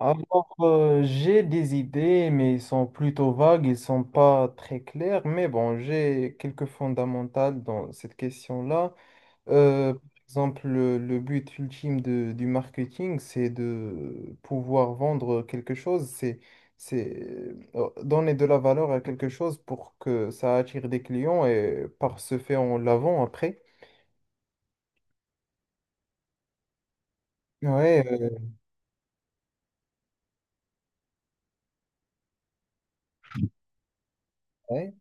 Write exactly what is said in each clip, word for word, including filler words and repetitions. Alors, euh, j'ai des idées, mais ils sont plutôt vagues, ils sont pas très clairs, mais bon, j'ai quelques fondamentales dans cette question-là. Euh, par exemple, le, le but ultime de- du marketing, c'est de pouvoir vendre quelque chose, c'est, c'est euh, donner de la valeur à quelque chose pour que ça attire des clients et par ce fait, on la vend après. Ouais, euh, ouais,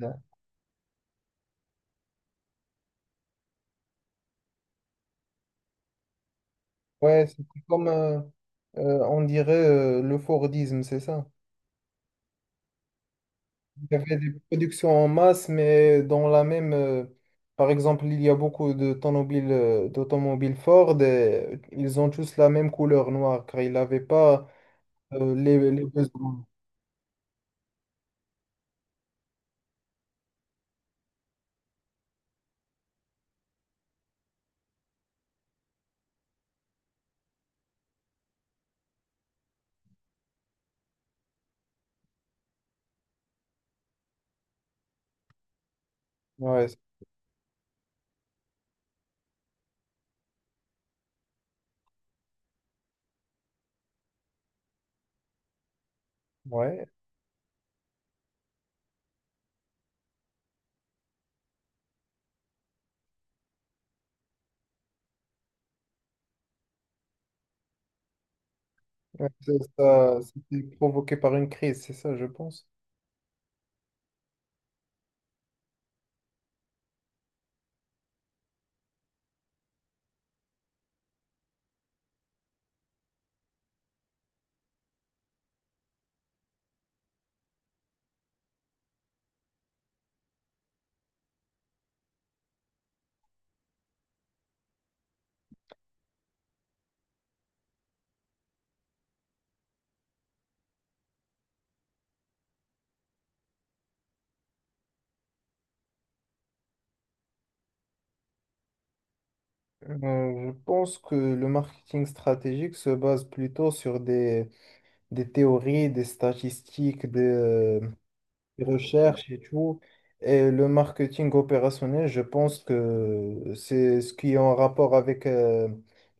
ouais. Ouais, C'était comme, euh, euh, on dirait, euh, le Fordisme, c'est ça. Il y avait des productions en masse, mais dans la même... euh, par exemple, il y a beaucoup de tonobiles, euh, d'automobiles Ford et ils ont tous la même couleur noire, car ils n'avaient pas euh, les, les besoins. Ouais, c'est- ouais. Ouais, c'est ça, c'était provoqué par une crise, c'est ça, je pense. Euh, je pense que le marketing stratégique se base plutôt sur des, des théories, des statistiques, des, des recherches et tout. Et le marketing opérationnel, je pense que c'est ce qui est en rapport avec euh,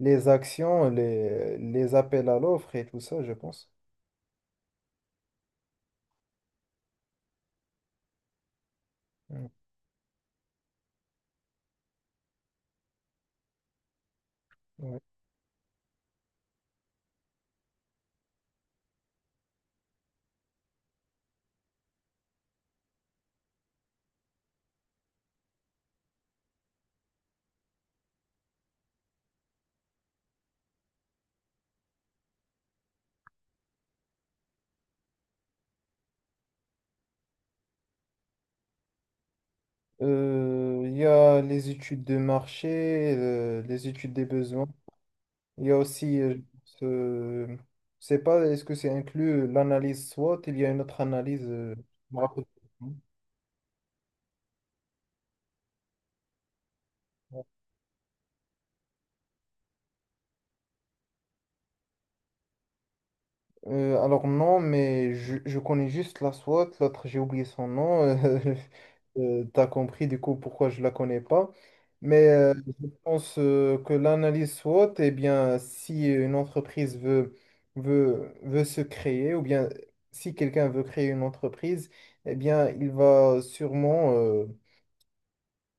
les actions, les, les appels à l'offre et tout ça, je pense. Mm, ouais. Euh, Il y a les études de marché, euh, les études des besoins. Il y a aussi, euh, ce... je sais pas, est-ce que c'est inclus euh, l'analyse SWOT? Il y a une autre analyse. euh, je me rappelle plus. Euh, alors non, mais je, je connais juste la SWOT, l'autre j'ai oublié son nom. Euh, euh, t'as compris du coup pourquoi je la connais pas. Mais euh, je pense euh, que l'analyse SWOT, eh bien, si une entreprise veut, veut, veut se créer, ou bien si quelqu'un veut créer une entreprise, eh bien, il va sûrement euh,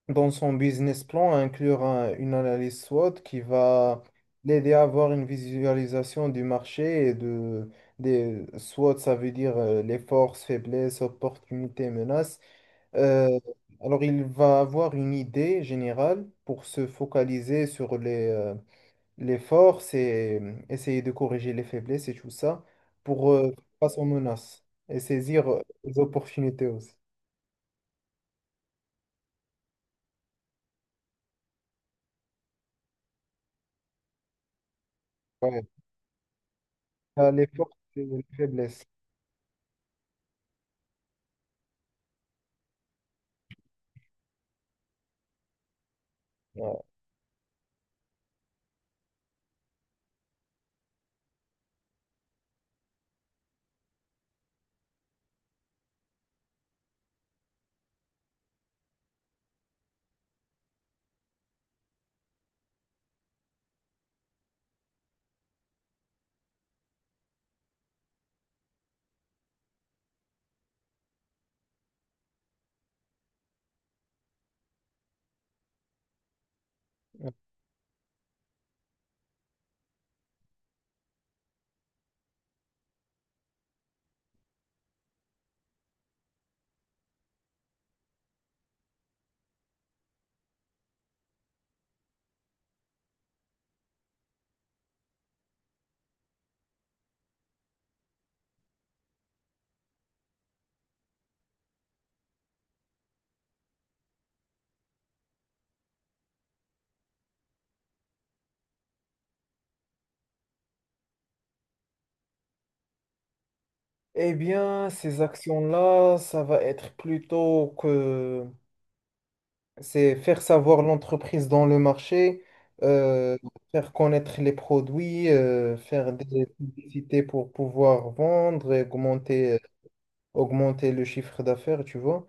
dans son business plan, inclure un- une analyse SWOT qui va l'aider à avoir une visualisation du marché et de des SWOT, ça veut dire euh, les forces, faiblesses, opportunités, menaces. Euh, alors il va avoir une idée générale pour se focaliser sur les, euh, les forces et euh, essayer de corriger les faiblesses et tout ça pour euh, faire face aux menaces et saisir euh, les opportunités aussi. Ouais. Ah, les forces et les faiblesses. Ouais, ouais. Eh bien, ces actions-là, ça va être plutôt que c'est faire savoir l'entreprise dans le marché, euh, faire connaître les produits, euh, faire des publicités pour pouvoir vendre et augmenter, augmenter le chiffre d'affaires, tu vois.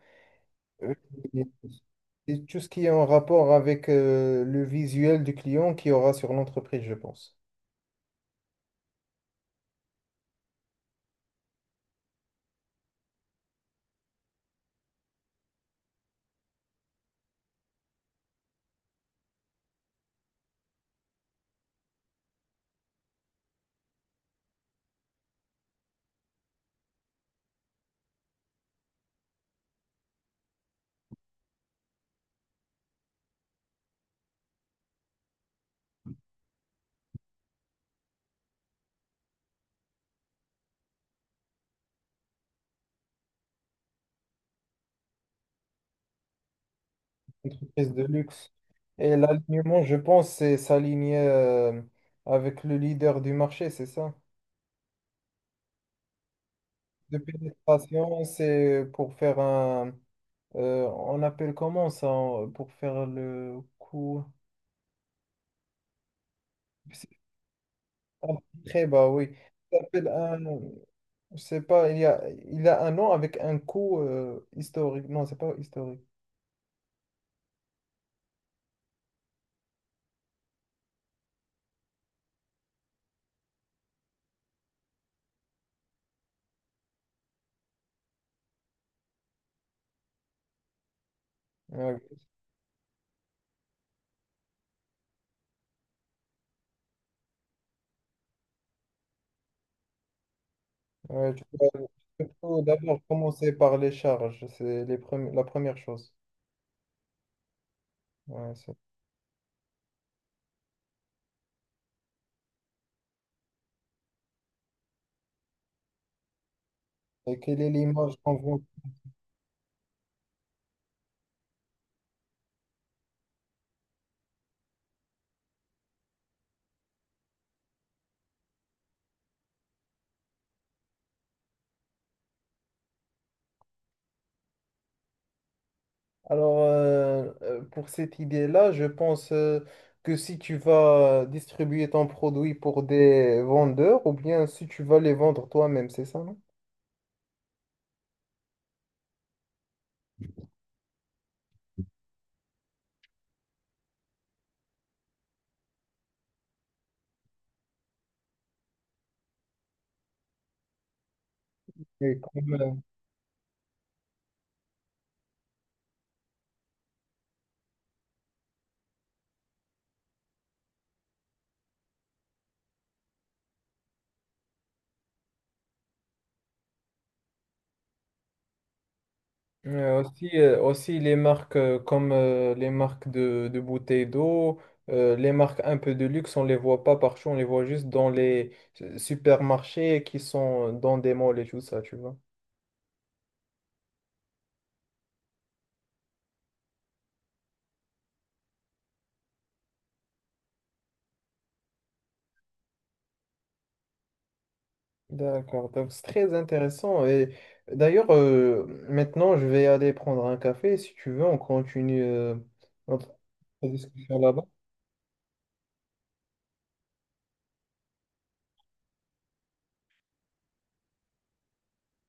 Euh, Et et tout ce qui est en rapport avec euh, le visuel du client qu'il y aura sur l'entreprise, je pense. Entreprise de luxe. Et l'alignement, je pense, c'est s'aligner euh, avec le leader du marché, c'est ça? De pénétration, c'est pour faire un. Euh, on appelle comment ça? en- Pour faire le coup. C'est un très bas, oui. Ça s'appelle un. Je sais pas, il y a, il a un nom avec un coup euh, historique. Non, c'est pas historique. Ouais, ouais, tu peux, tu peux d'abord commencer par les charges. C'est les premi- la première chose. Ouais, c'est- et quelle est l'image qu'on veut. Alors, euh, euh, pour cette idée-là, je pense euh, que si tu vas distribuer ton produit pour des vendeurs ou bien si tu vas les vendre toi-même, c'est ça, non? Et comme, euh, euh, aussi, euh, aussi les marques euh, comme euh, les marques de, de bouteilles d'eau, euh, les marques un peu de luxe, on les voit pas partout, on les voit juste dans les euh, supermarchés qui sont dans des malls et tout ça, tu vois. D'accord, donc c'est très intéressant. Et d'ailleurs, euh, maintenant, je vais aller prendre un café. Si tu veux, on continue euh, notre discussion là-bas.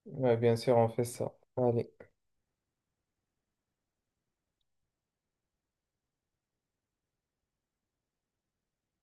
Ouais, bien sûr, on fait ça. Allez.